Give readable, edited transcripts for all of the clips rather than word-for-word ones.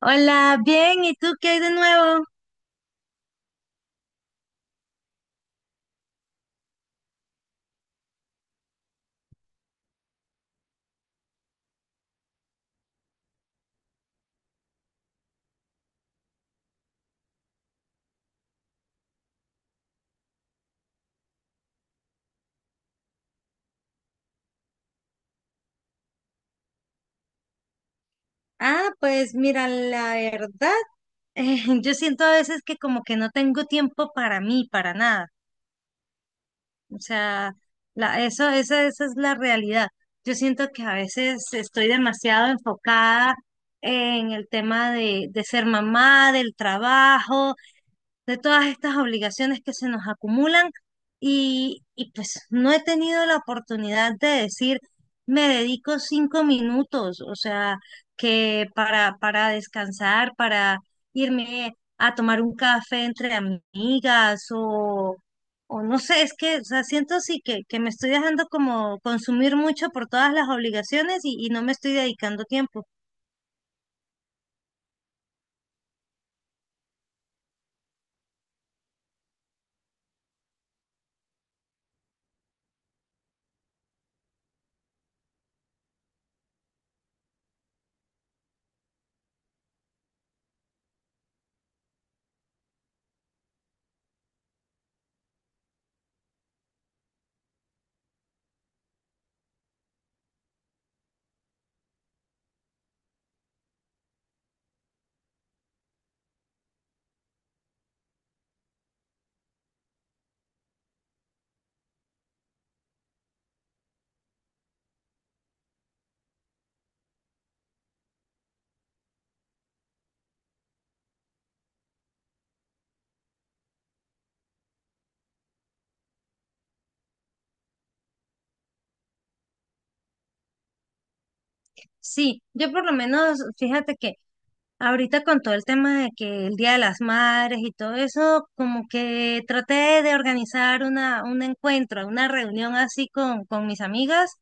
Hola, bien, ¿y tú qué hay de nuevo? Ah, pues mira, la verdad, yo siento a veces que como que no tengo tiempo para mí, para nada. O sea, esa es la realidad. Yo siento que a veces estoy demasiado enfocada en el tema de ser mamá, del trabajo, de todas estas obligaciones que se nos acumulan y pues no he tenido la oportunidad de decir, me dedico 5 minutos, o sea, que para descansar, para irme a tomar un café entre amigas o no sé, es que, o sea, siento sí que me estoy dejando como consumir mucho por todas las obligaciones y no me estoy dedicando tiempo. Sí, yo por lo menos, fíjate que ahorita con todo el tema de que el Día de las Madres y todo eso, como que traté de organizar una reunión así con mis amigas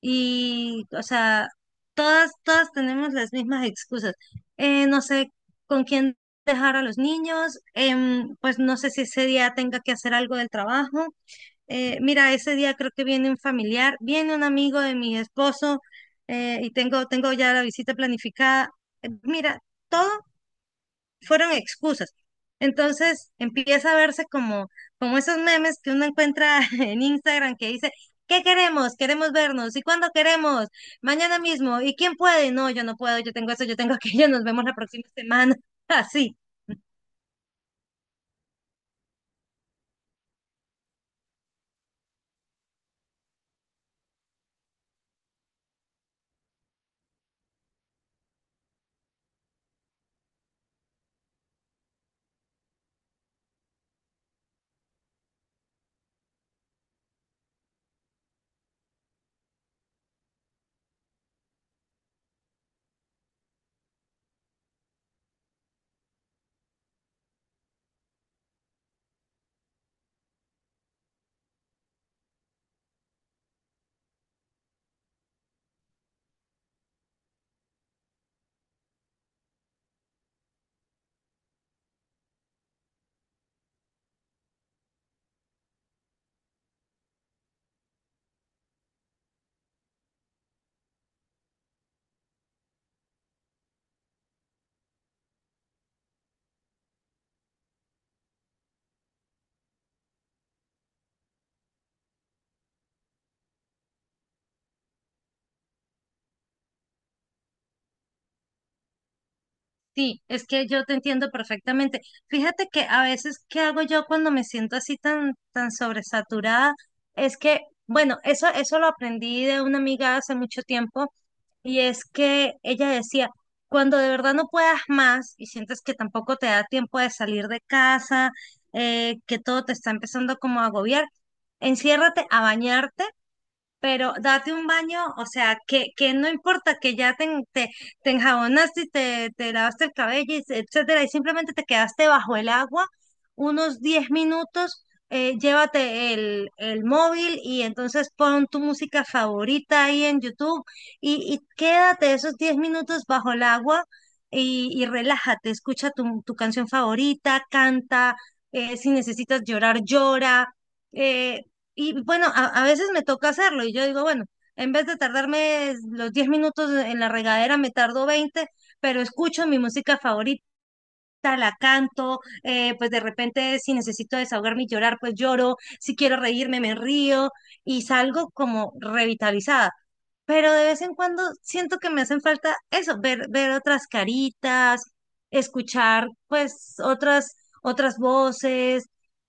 y, o sea, todas tenemos las mismas excusas. No sé con quién dejar a los niños, pues no sé si ese día tenga que hacer algo del trabajo. Mira, ese día creo que viene un familiar, viene un amigo de mi esposo, y tengo ya la visita planificada. Mira. Todo fueron excusas. Entonces empieza a verse como esos memes que uno encuentra en Instagram que dice, ¿qué queremos? Queremos vernos. ¿Y cuándo queremos? Mañana mismo. ¿Y quién puede? No, yo no puedo, yo tengo eso, yo tengo aquello, nos vemos la próxima semana. Así, sí, es que yo te entiendo perfectamente. Fíjate que a veces, ¿qué hago yo cuando me siento así tan, tan sobresaturada? Es que, bueno, eso lo aprendí de una amiga hace mucho tiempo. Y es que ella decía, cuando de verdad no puedas más y sientes que tampoco te da tiempo de salir de casa, que todo te está empezando como a agobiar, enciérrate a bañarte pero date un baño, o sea, que no importa que ya te, enjabonaste y te lavaste el cabello, y etcétera, y simplemente te quedaste bajo el agua unos 10 minutos, llévate el móvil y entonces pon tu música favorita ahí en YouTube y quédate esos 10 minutos bajo el agua y relájate, escucha tu canción favorita, canta, si necesitas llorar, llora. Eh, y bueno, a veces me toca hacerlo y yo digo, bueno, en vez de tardarme los 10 minutos en la regadera, me tardo 20 pero escucho mi música favorita. La canto, pues de repente si necesito desahogarme y llorar, pues lloro, si quiero reírme, me río y salgo como revitalizada. Pero de vez en cuando siento que me hacen falta eso, ver otras caritas, escuchar pues otras voces,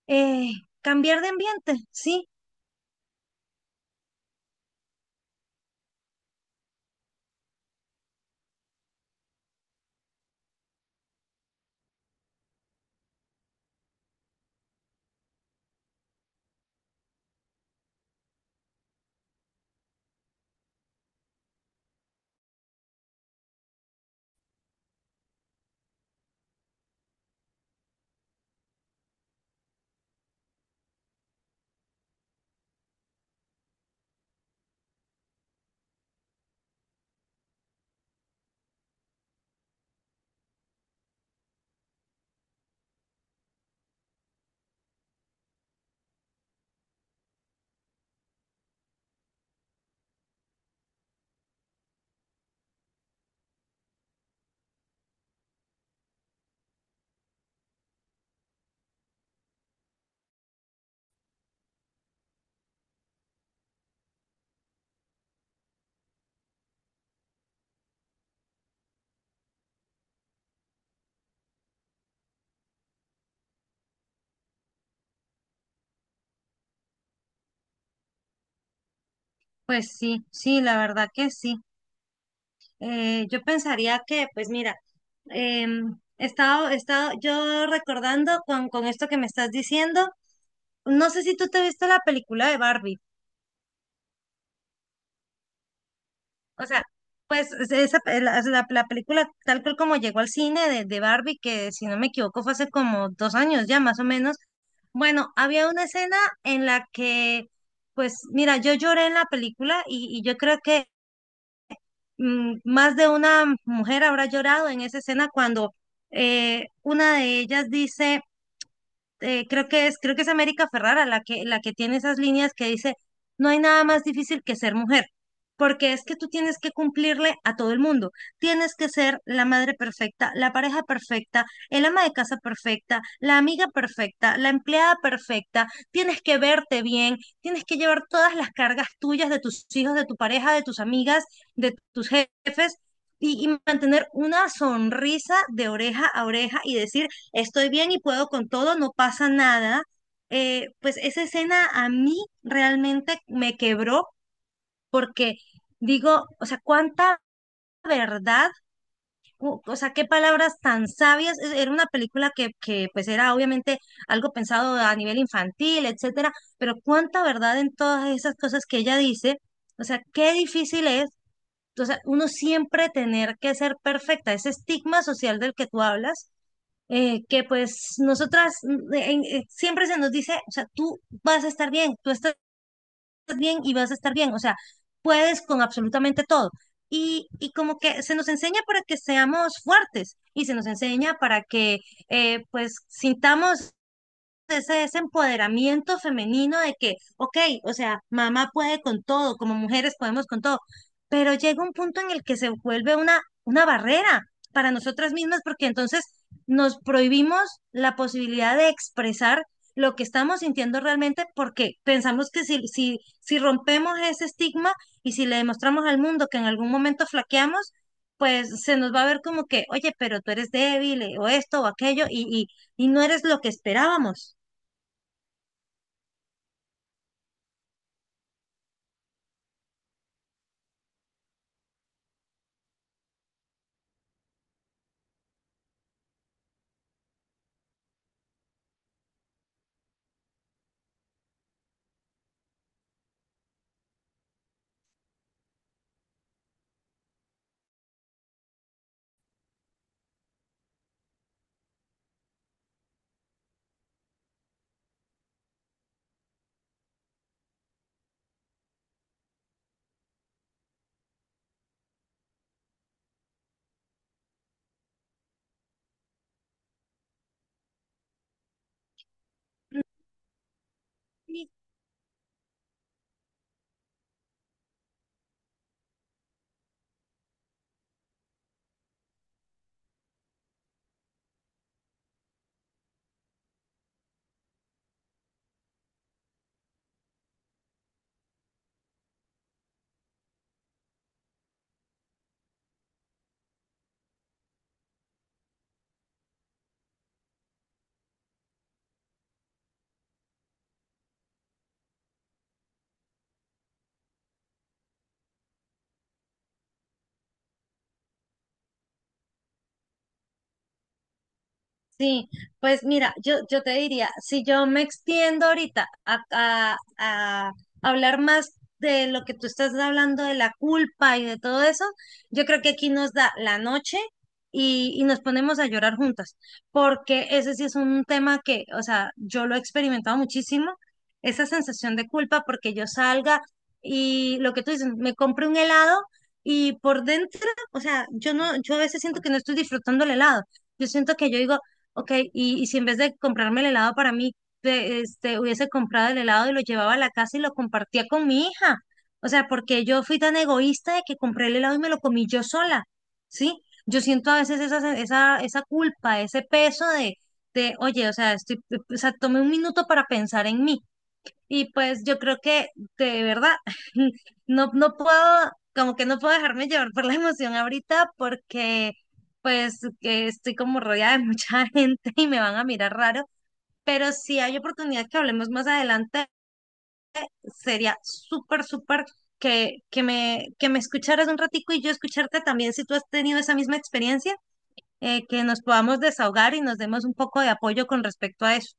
eh, cambiar de ambiente, sí. Pues sí, sí, la verdad que sí. Yo pensaría que, pues mira, he estado yo recordando con esto que me estás diciendo, no sé si tú te viste la película de Barbie, o sea, pues es- esa, pe- la- la película tal cual como llegó al cine de Barbie, que si no me equivoco fue hace como 2 años ya más o menos, bueno, había una escena en la que, pues mira, yo lloré en la película y yo creo que más de una mujer habrá llorado en esa escena cuando una de ellas dice, creo que es América Ferrara la que tiene esas líneas que dice, no hay nada más difícil que ser mujer, porque es que tú tienes que cumplirle a todo el mundo, tienes que ser la madre perfecta, la pareja perfecta, el ama de casa perfecta, la amiga perfecta, la empleada perfecta, tienes que verte bien, tienes que llevar todas las cargas tuyas de tus hijos, de tu pareja, de tus amigas, de tus jefes. Y mantener una sonrisa de oreja a oreja y decir, estoy bien y puedo con todo, no pasa nada. Pues esa escena a mí realmente me quebró porque digo, o sea, cuánta verdad, o sea, qué palabras tan sabias. Era una película que pues era obviamente algo pensado a nivel infantil, etcétera, pero cuánta verdad en todas esas cosas que ella dice. O sea, qué difícil es. O sea, uno siempre tener que ser perfecta, ese estigma social del que tú hablas, que pues nosotras siempre se nos dice, o sea, tú vas a estar bien, tú estás bien y vas a estar bien, o sea, puedes con absolutamente todo. Y como que se nos enseña para que seamos fuertes y se nos enseña para que pues sintamos ese empoderamiento femenino de que, ok, o sea, mamá puede con todo, como mujeres podemos con todo, pero llega un punto en el que se vuelve una barrera para nosotras mismas porque entonces nos prohibimos la posibilidad de expresar lo que estamos sintiendo realmente porque pensamos que si rompemos ese estigma y si le demostramos al mundo que en algún momento flaqueamos, pues se nos va a ver como que, oye, pero tú eres débil, o esto o aquello y no eres lo que esperábamos. Sí, sí, pues mira, yo te diría, si yo me extiendo ahorita a hablar más de lo que tú estás hablando de la culpa y de todo eso, yo creo que aquí nos da la noche y nos ponemos a llorar juntas, porque ese sí es un tema que, o sea, yo lo he experimentado muchísimo, esa sensación de culpa porque yo salga y lo que tú dices, me compre un helado y por dentro, o sea, yo no, yo a veces siento que no estoy disfrutando el helado. Yo siento que yo digo, ok, y si en vez de comprarme el helado para mí, hubiese comprado el helado y lo llevaba a la casa y lo compartía con mi hija. O sea, porque yo fui tan egoísta de que compré el helado y me lo comí yo sola, ¿sí? Yo siento a veces esa, esa culpa, ese peso de, oye, o sea, estoy, o sea, tomé un minuto para pensar en mí. Y pues yo creo que de verdad no, no puedo, como que no puedo dejarme llevar por la emoción ahorita porque pues que estoy como rodeada de mucha gente y me van a mirar raro, pero si hay oportunidad que hablemos más adelante, sería súper, súper que me escucharas un ratico y yo escucharte también si tú has tenido esa misma experiencia, que nos podamos desahogar y nos demos un poco de apoyo con respecto a eso.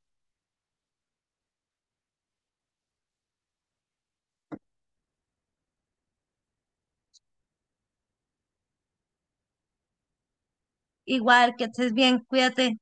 Igual, que estés bien, cuídate.